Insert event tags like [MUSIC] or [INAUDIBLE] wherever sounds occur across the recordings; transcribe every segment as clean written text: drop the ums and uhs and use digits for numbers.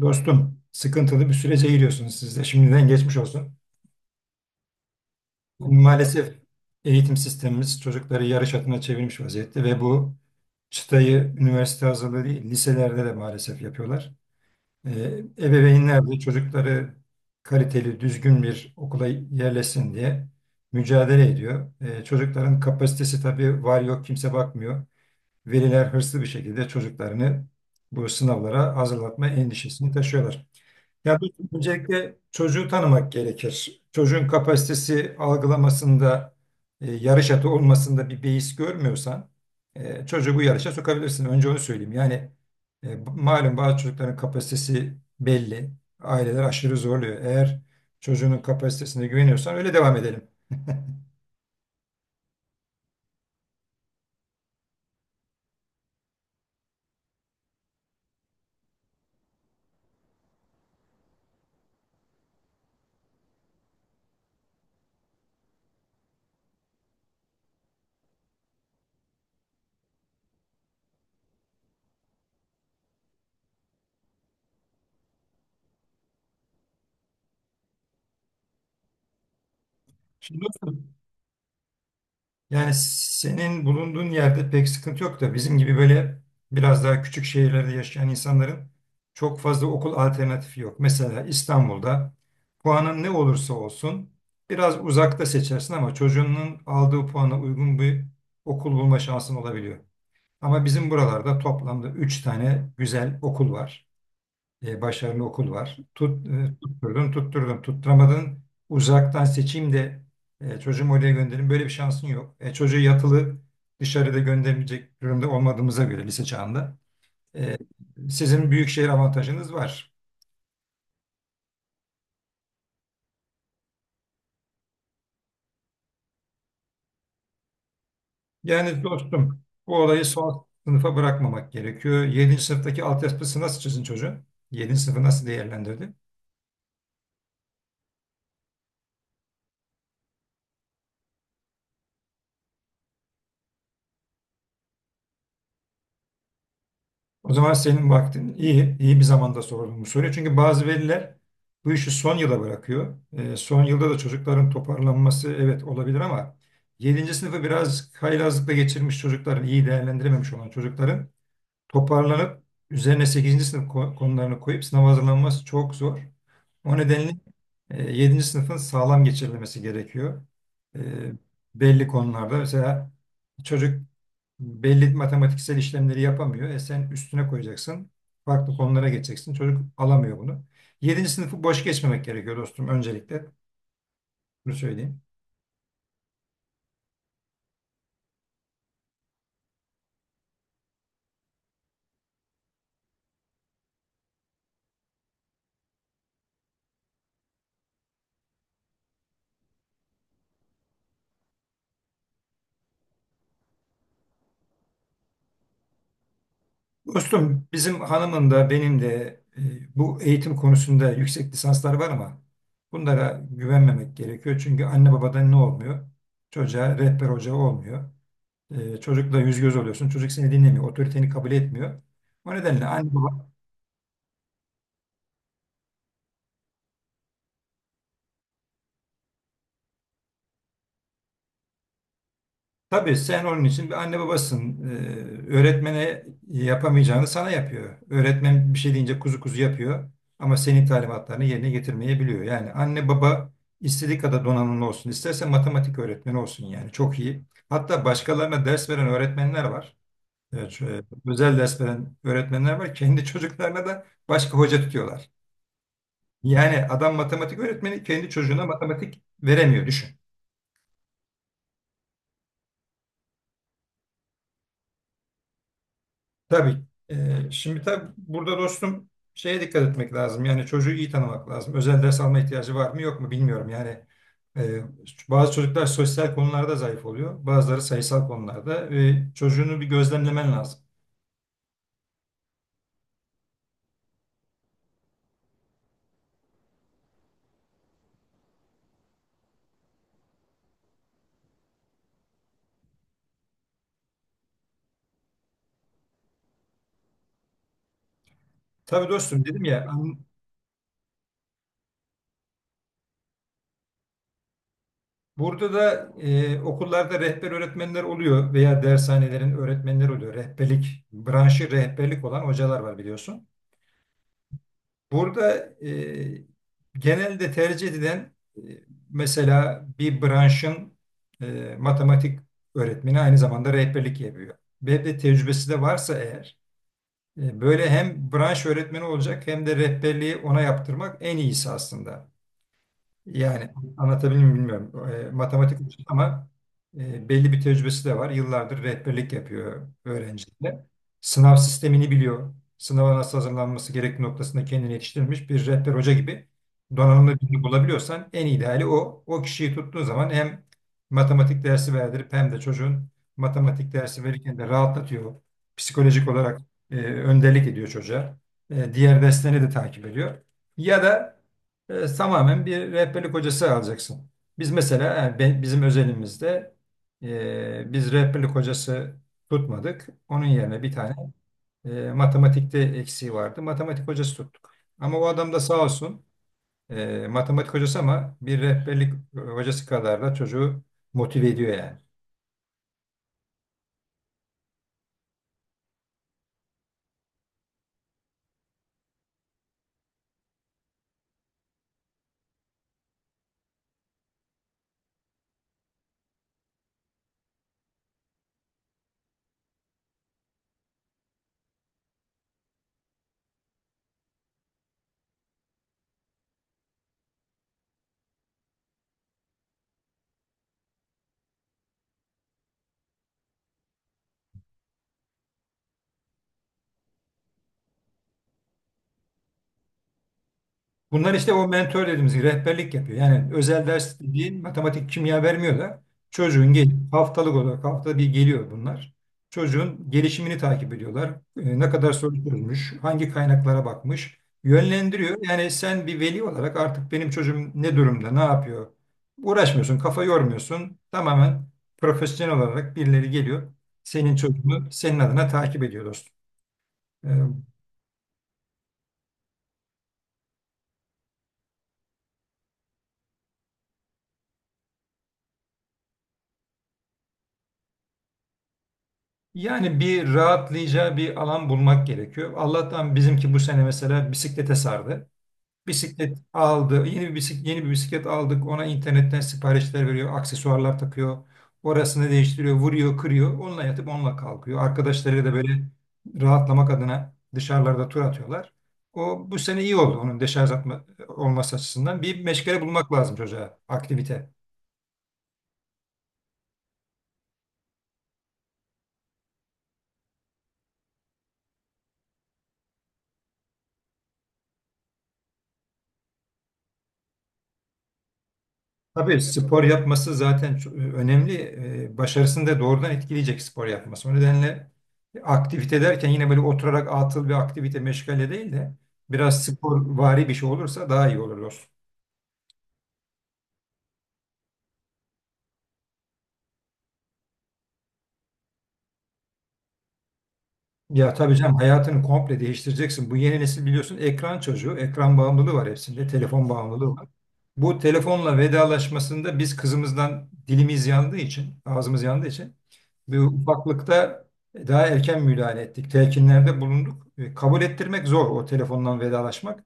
Dostum, sıkıntılı bir sürece giriyorsunuz siz de. Şimdiden geçmiş olsun. Maalesef eğitim sistemimiz çocukları yarış atına çevirmiş vaziyette ve bu çıtayı üniversite hazırlığı değil, liselerde de maalesef yapıyorlar. Ee, Ebeveynler de çocukları kaliteli, düzgün bir okula yerleşsin diye mücadele ediyor. Çocukların kapasitesi tabii var yok kimse bakmıyor. Veliler hırslı bir şekilde çocuklarını bu sınavlara hazırlatma endişesini taşıyorlar. Ya dostum, öncelikle çocuğu tanımak gerekir. Çocuğun kapasitesi algılamasında, yarış atı olmasında bir beis görmüyorsan çocuğu bu yarışa sokabilirsin. Önce onu söyleyeyim. Yani malum bazı çocukların kapasitesi belli. Aileler aşırı zorluyor. Eğer çocuğunun kapasitesine güveniyorsan öyle devam edelim. [LAUGHS] Şimdi dostum, yani senin bulunduğun yerde pek sıkıntı yok da bizim gibi böyle biraz daha küçük şehirlerde yaşayan insanların çok fazla okul alternatifi yok. Mesela İstanbul'da puanın ne olursa olsun biraz uzakta seçersin ama çocuğunun aldığı puana uygun bir okul bulma şansın olabiliyor. Ama bizim buralarda toplamda 3 tane güzel okul var, başarılı okul var. Tut, tutturdun, tutturdun, tutturamadın. Uzaktan seçeyim de çocuğumu oraya gönderin. Böyle bir şansın yok. E, çocuğu yatılı dışarıda gönderebilecek durumda olmadığımıza göre lise çağında. e, Sizin büyük şehir avantajınız var. Yani dostum bu olayı son sınıfa bırakmamak gerekiyor. Yedinci sınıftaki altyapısı nasıl çizin çocuğun? Yedinci sınıfı nasıl değerlendirdi? O zaman senin vaktin iyi bir zamanda sordum bu soruyu. Çünkü bazı veliler bu işi son yıla bırakıyor. Son yılda da çocukların toparlanması evet olabilir ama yedinci sınıfı biraz haylazlıkla geçirmiş çocukların, iyi değerlendirememiş olan çocukların toparlanıp üzerine sekizinci sınıf konularını koyup sınava hazırlanması çok zor. O nedenle 7. sınıfın sağlam geçirilmesi gerekiyor. E, Belli konularda mesela çocuk belli matematiksel işlemleri yapamıyor. E sen üstüne koyacaksın. Farklı konulara geçeceksin. Çocuk alamıyor bunu. Yedinci sınıfı boş geçmemek gerekiyor dostum öncelikle. Bunu söyleyeyim. Dostum bizim hanımın da benim de bu eğitim konusunda yüksek lisanslar var ama bunlara güvenmemek gerekiyor. Çünkü anne babadan ne olmuyor? Çocuğa rehber hoca olmuyor. E, çocukla yüz göz oluyorsun. Çocuk seni dinlemiyor. Otoriteni kabul etmiyor. O nedenle anne baba tabii sen onun için bir anne babasın. Öğretmene yapamayacağını sana yapıyor. Öğretmen bir şey deyince kuzu kuzu yapıyor ama senin talimatlarını yerine getirmeyebiliyor. Yani anne baba istediği kadar donanımlı olsun, isterse matematik öğretmeni olsun yani çok iyi. Hatta başkalarına ders veren öğretmenler var. Evet, şöyle özel ders veren öğretmenler var. Kendi çocuklarına da başka hoca tutuyorlar. Yani adam matematik öğretmeni kendi çocuğuna matematik veremiyor düşün. Tabii. Şimdi tabii burada dostum şeye dikkat etmek lazım. Yani çocuğu iyi tanımak lazım. Özel ders alma ihtiyacı var mı yok mu bilmiyorum. Yani e, bazı çocuklar sosyal konularda zayıf oluyor. Bazıları sayısal konularda ve çocuğunu bir gözlemlemen lazım. Tabii dostum dedim ya burada da okullarda rehber öğretmenler oluyor veya dershanelerin öğretmenleri oluyor. Rehberlik, branşı rehberlik olan hocalar var biliyorsun. Burada genelde tercih edilen, mesela bir branşın, matematik öğretmeni aynı zamanda rehberlik yapıyor. Ve de tecrübesi de varsa eğer böyle hem branş öğretmeni olacak hem de rehberliği ona yaptırmak en iyisi aslında. Yani anlatabildim mi bilmiyorum. E, matematik hocası ama belli bir tecrübesi de var. Yıllardır rehberlik yapıyor öğrencilere. Sınav sistemini biliyor. Sınava nasıl hazırlanması gerektiği noktasında kendini yetiştirmiş bir rehber hoca gibi donanımlı birini bulabiliyorsan en ideali o. O kişiyi tuttuğun zaman hem matematik dersi verdirip hem de çocuğun matematik dersi verirken de rahatlatıyor. Psikolojik olarak önderlik ediyor çocuğa. E, diğer derslerini de takip ediyor. Ya da tamamen bir rehberlik hocası alacaksın. Biz mesela yani bizim özelimizde biz rehberlik hocası tutmadık. Onun yerine bir tane, matematikte eksiği vardı. Matematik hocası tuttuk. Ama o adam da sağ olsun matematik hocası ama bir rehberlik hocası kadar da çocuğu motive ediyor yani. Bunlar işte o mentor dediğimiz gibi rehberlik yapıyor. Yani özel ders dediğin matematik, kimya vermiyor da çocuğun gel haftalık olarak haftada bir geliyor bunlar. Çocuğun gelişimini takip ediyorlar. E, ne kadar soru sorulmuş, hangi kaynaklara bakmış, yönlendiriyor. Yani sen bir veli olarak artık benim çocuğum ne durumda, ne yapıyor? Uğraşmıyorsun, kafa yormuyorsun. Tamamen profesyonel olarak birileri geliyor. Senin çocuğunu senin adına takip ediyor dostum. E, Yani bir rahatlayacağı bir alan bulmak gerekiyor. Allah'tan bizimki bu sene mesela bisiklete sardı. Bisiklet aldı, yeni bir bisiklet aldık. Ona internetten siparişler veriyor, aksesuarlar takıyor. Orasını değiştiriyor, vuruyor, kırıyor. Onunla yatıp onunla kalkıyor. Arkadaşları da böyle rahatlamak adına dışarılarda tur atıyorlar. O bu sene iyi oldu onun deşarj atma, olması açısından. Bir meşgale bulmak lazım çocuğa, aktivite. Tabii spor yapması zaten çok önemli. Başarısını da doğrudan etkileyecek spor yapması. O nedenle aktivite derken yine böyle oturarak atıl bir aktivite meşgale değil de biraz spor vari bir şey olursa daha iyi olur dostum. Ya tabii canım hayatını komple değiştireceksin. Bu yeni nesil biliyorsun ekran çocuğu. Ekran bağımlılığı var hepsinde. Telefon bağımlılığı var. Bu telefonla vedalaşmasında biz kızımızdan dilimiz yandığı için, ağzımız yandığı için bu ufaklıkta daha erken müdahale ettik. Telkinlerde bulunduk. E, kabul ettirmek zor o telefondan vedalaşmak.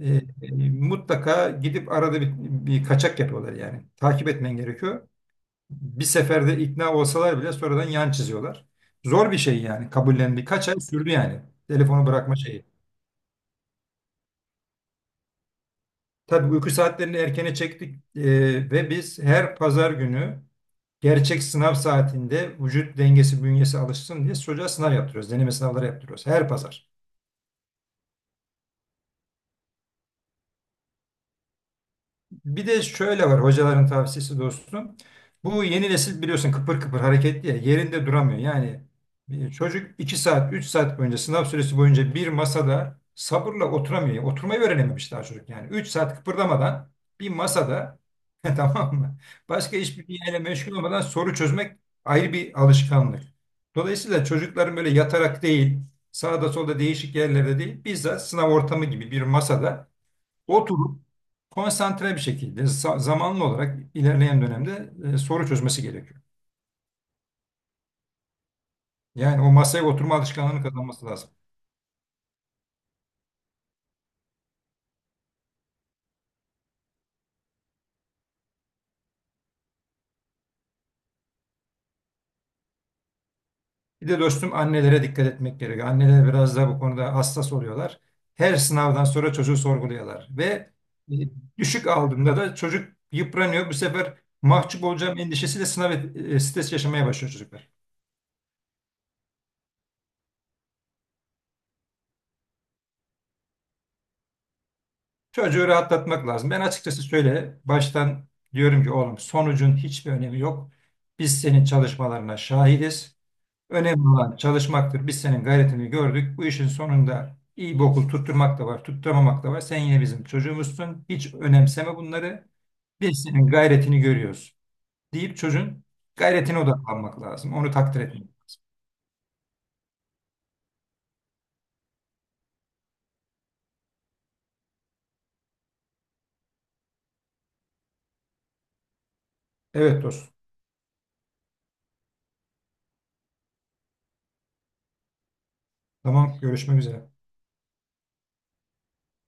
E, mutlaka gidip arada bir kaçak yapıyorlar yani. Takip etmen gerekiyor bir seferde ikna olsalar bile sonradan yan çiziyorlar. Zor bir şey yani. Kabullendi. Kaç ay sürdü yani. Telefonu bırakma şeyi. Tabii uyku saatlerini erkene çektik ve biz her pazar günü gerçek sınav saatinde vücut dengesi bünyesi alışsın diye çocuğa sınav yaptırıyoruz. Deneme sınavları yaptırıyoruz. Her pazar. Bir de şöyle var hocaların tavsiyesi dostum. Bu yeni nesil biliyorsun kıpır kıpır hareketli ya yerinde duramıyor. Yani bir çocuk 2 saat 3 saat boyunca sınav süresi boyunca bir masada sabırla oturamıyor. Yani oturmayı öğrenememiş daha çocuk yani. Üç saat kıpırdamadan bir masada [LAUGHS] tamam mı? Başka hiçbir şeyle meşgul olmadan soru çözmek ayrı bir alışkanlık. Dolayısıyla çocukların böyle yatarak değil sağda solda değişik yerlerde değil bizzat sınav ortamı gibi bir masada oturup konsantre bir şekilde zamanlı olarak ilerleyen dönemde soru çözmesi gerekiyor. Yani o masaya oturma alışkanlığını kazanması lazım. Bir de dostum annelere dikkat etmek gerekiyor. Anneler biraz da bu konuda hassas oluyorlar. Her sınavdan sonra çocuğu sorguluyorlar ve e, düşük aldığında da çocuk yıpranıyor. Bu sefer mahcup olacağım endişesiyle stres yaşamaya başlıyor çocuklar. Çocuğu rahatlatmak lazım. Ben açıkçası şöyle baştan diyorum ki oğlum sonucun hiçbir önemi yok. Biz senin çalışmalarına şahidiz. Önemli olan çalışmaktır. Biz senin gayretini gördük. Bu işin sonunda iyi bir okul tutturmak da var, tutturmamak da var. Sen yine bizim çocuğumuzsun. Hiç önemseme bunları. Biz senin gayretini görüyoruz deyip çocuğun gayretine odaklanmak lazım. Onu takdir etmek lazım. Evet dostum. Tamam, görüşmek üzere.